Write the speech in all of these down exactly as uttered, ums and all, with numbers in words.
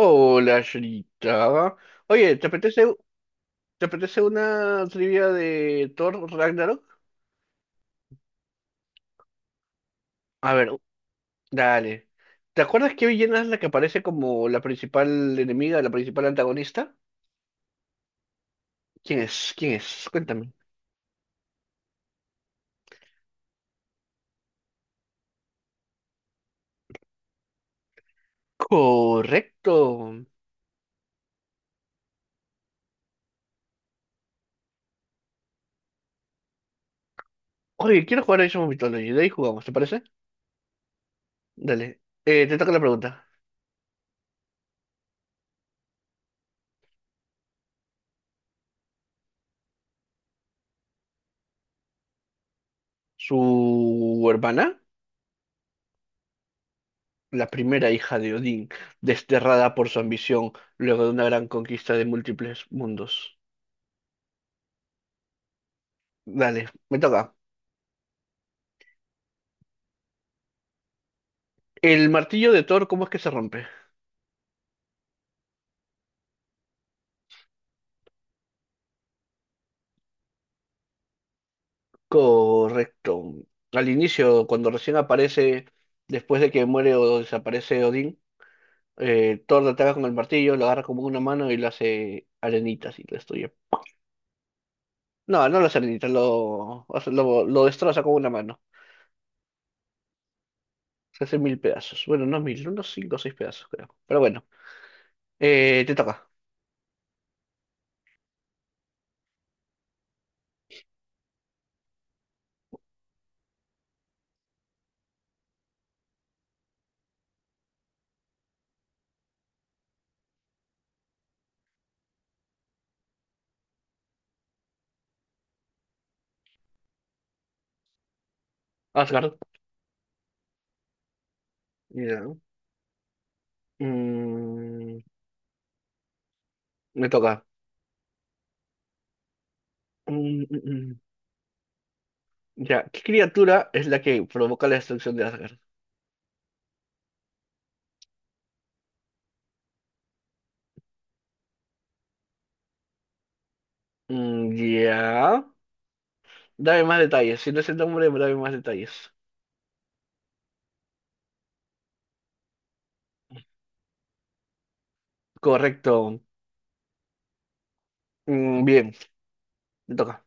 Hola, Shrita. Oye, ¿te apetece, te apetece una trivia de Thor Ragnarok? A ver, dale. ¿Te acuerdas que Villena es la que aparece como la principal enemiga, la principal antagonista? ¿Quién es? ¿Quién es? Cuéntame. Correcto. Oye, quiero jugar a Age of Mythology. De ahí jugamos, ¿te parece? Dale. Eh, te toca la pregunta. Su hermana, la primera hija de Odín, desterrada por su ambición luego de una gran conquista de múltiples mundos. Dale, me toca. El martillo de Thor, ¿cómo es que se rompe? Correcto. Al inicio, cuando recién aparece, después de que muere o desaparece Odín, eh, Thor le ataca con el martillo, lo agarra como una mano y lo hace arenitas y lo destruye. No, no lo hace arenitas, lo, hace- lo, lo destroza con una mano. Se hace mil pedazos. Bueno, no mil, unos cinco o seis pedazos, creo. Pero bueno, eh, te toca. Asgard. Ya. Mm, me toca. Mm, mm, mm. Ya, ¿qué criatura es la que provoca la destrucción de Asgard? Mm, ya. Dame más detalles. Si no es el nombre, dame más detalles. Correcto. Mm, bien, me toca.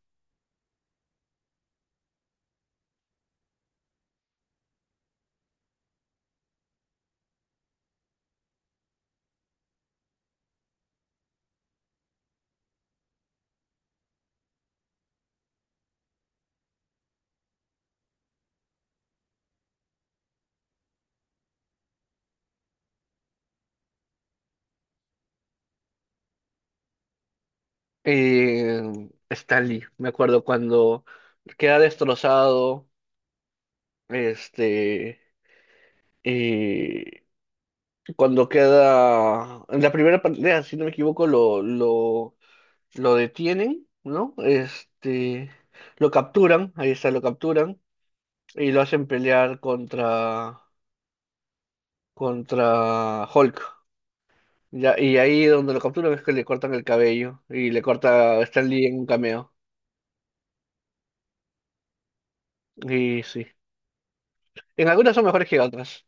Eh, Stanley, me acuerdo cuando queda destrozado, este, eh, cuando queda, en la primera pelea, si no me equivoco, lo, lo, lo detienen, ¿no? Este, lo capturan, ahí está, lo capturan, y lo hacen pelear contra contra Hulk. Ya, y ahí donde lo capturan es que le cortan el cabello y le corta a Stan Lee en un cameo. Y sí. En algunas son mejores que otras.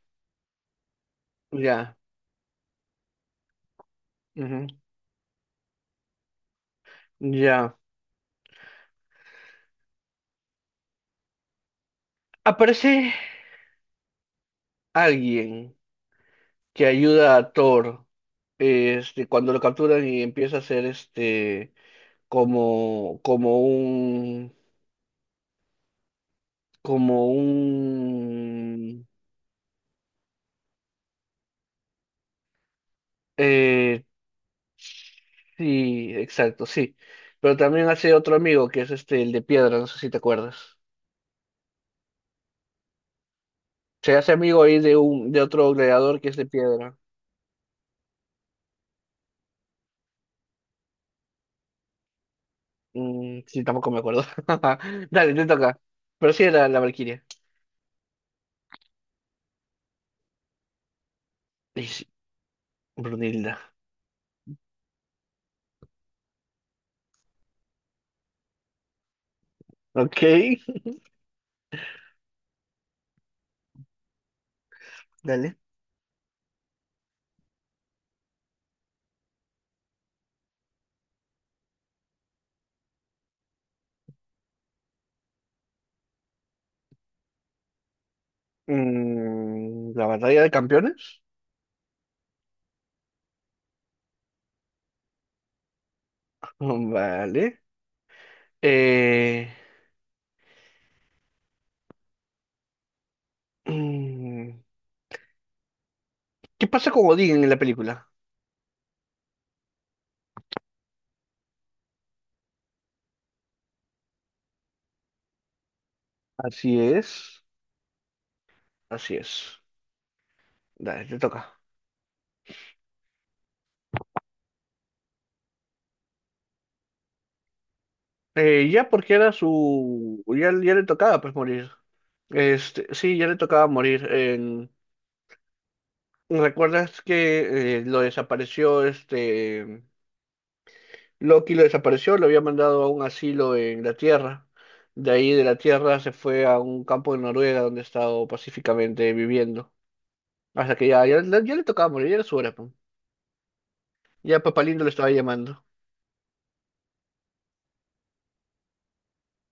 Ya. Ujú. Ya. Aparece alguien que ayuda a Thor este, cuando lo capturan y empieza a ser este como, como un como un eh, sí, exacto, sí. Pero también hace otro amigo que es este, el de piedra, no sé si te acuerdas. Se hace amigo ahí de un, de otro gladiador que es de piedra. Mm, sí, tampoco me acuerdo. Dale, te toca. Pero sí era la Valquiria. Y sí, Brunilda. Ok, dale. Mm, la batalla de campeones. Mm, vale. Eh, mm, ¿qué pasa con Odín en la película? Así es, así es. Dale, te toca. Eh, ya porque era su... Ya, ya le tocaba pues morir. Este, sí, ya le tocaba morir. En- ¿Recuerdas que eh, lo desapareció este... Loki lo desapareció, lo había mandado a un asilo en la Tierra. De ahí de la Tierra se fue a un campo de Noruega donde ha estado pacíficamente viviendo. Hasta que ya, ya, le ya le tocaba morir, ya era su hora. Pum. Ya Papá Lindo lo estaba llamando.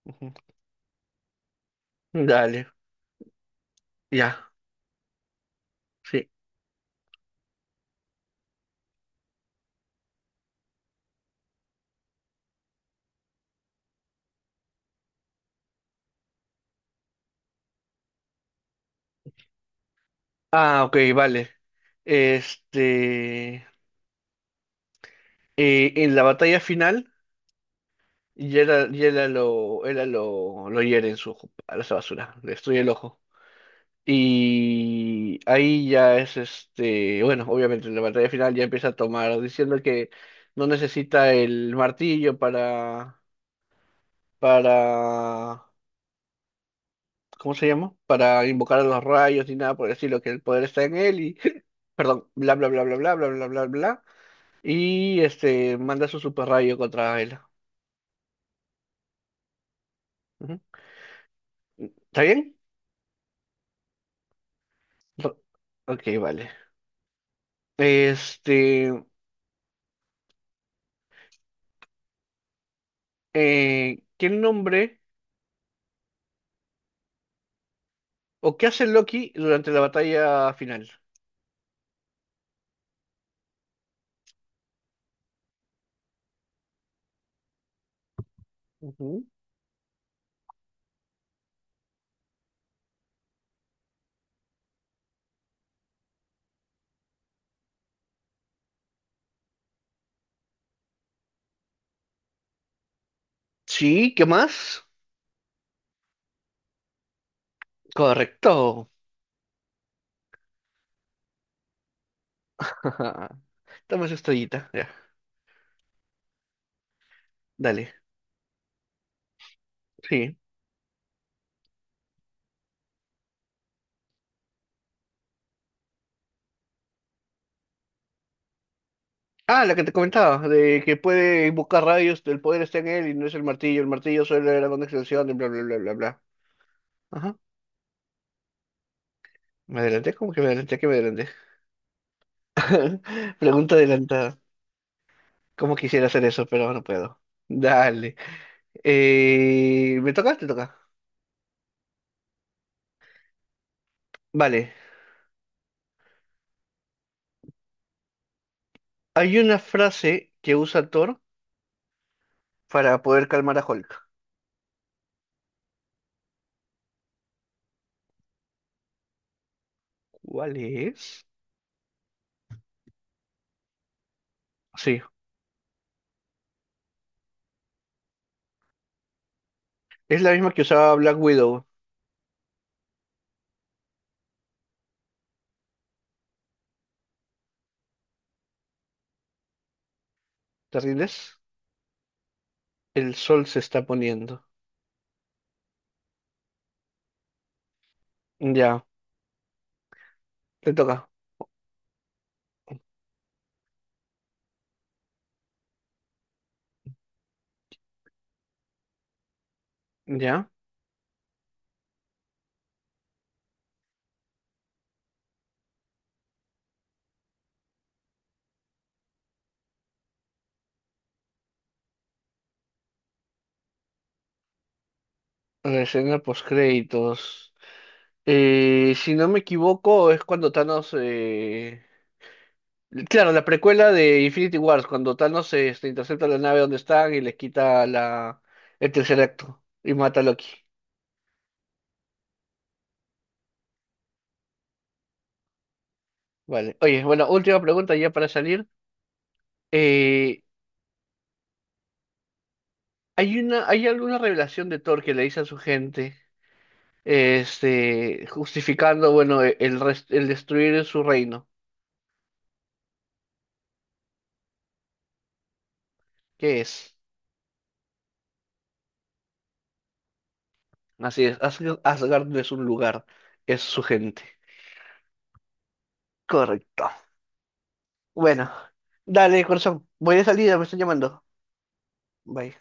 Ujú. Dale, ya, sí. Ah, ok, vale. Este... Eh, en la batalla final, Yera, Yera lo, era lo, lo hiere en su ojo, a esa basura, le destruye el ojo. Y ahí ya es este, bueno, obviamente en la batalla final ya empieza a tomar, diciendo que no necesita el martillo para, para, ¿cómo se llama? Para invocar a los rayos ni nada por el estilo, que el poder está en él y, perdón, bla, bla, bla, bla, bla, bla, bla, bla, bla, bla. Y este, manda su super rayo contra él. Ujú. ¿Está bien? Ro- Ok, vale. Este, eh, ¿qué nombre o qué hace Loki durante la batalla final? Ujú. Sí, ¿qué más? Correcto. Dame esa estrellita, ya. Dale. Sí. Ah, la que te comentaba, de que puede invocar rayos, el poder está en él y no es el martillo. El martillo solo era una extensión de, bla, bla, bla, bla, bla. Ajá. ¿Me adelanté? ¿Cómo que me adelanté? Que me adelanté? Pregunta adelantada. ¿Cómo quisiera hacer eso? Pero no puedo. Dale. Eh, ¿me toca? Te toca. Vale. Hay una frase que usa Thor para poder calmar a Hulk. ¿Cuál es? Sí, es la misma que usaba Black Widow. ¿Te rindes? El sol se está poniendo. Ya, te toca. Ya. La escena postcréditos. Eh, si no me equivoco, es cuando Thanos. eh, Claro, la precuela de Infinity Wars, cuando Thanos este, intercepta la nave donde están y les quita la... el tercer acto y mata a Loki. Vale. Oye, bueno, última pregunta ya para salir. Eh, ¿hay una, hay alguna revelación de Thor que le dice a su gente, este, justificando, bueno, e- el, res- el destruir su reino? ¿Qué es? Así es, Asgard, Asgard no es un lugar, es su gente. Correcto. Bueno, dale, corazón. Voy de salida, me están llamando. Bye.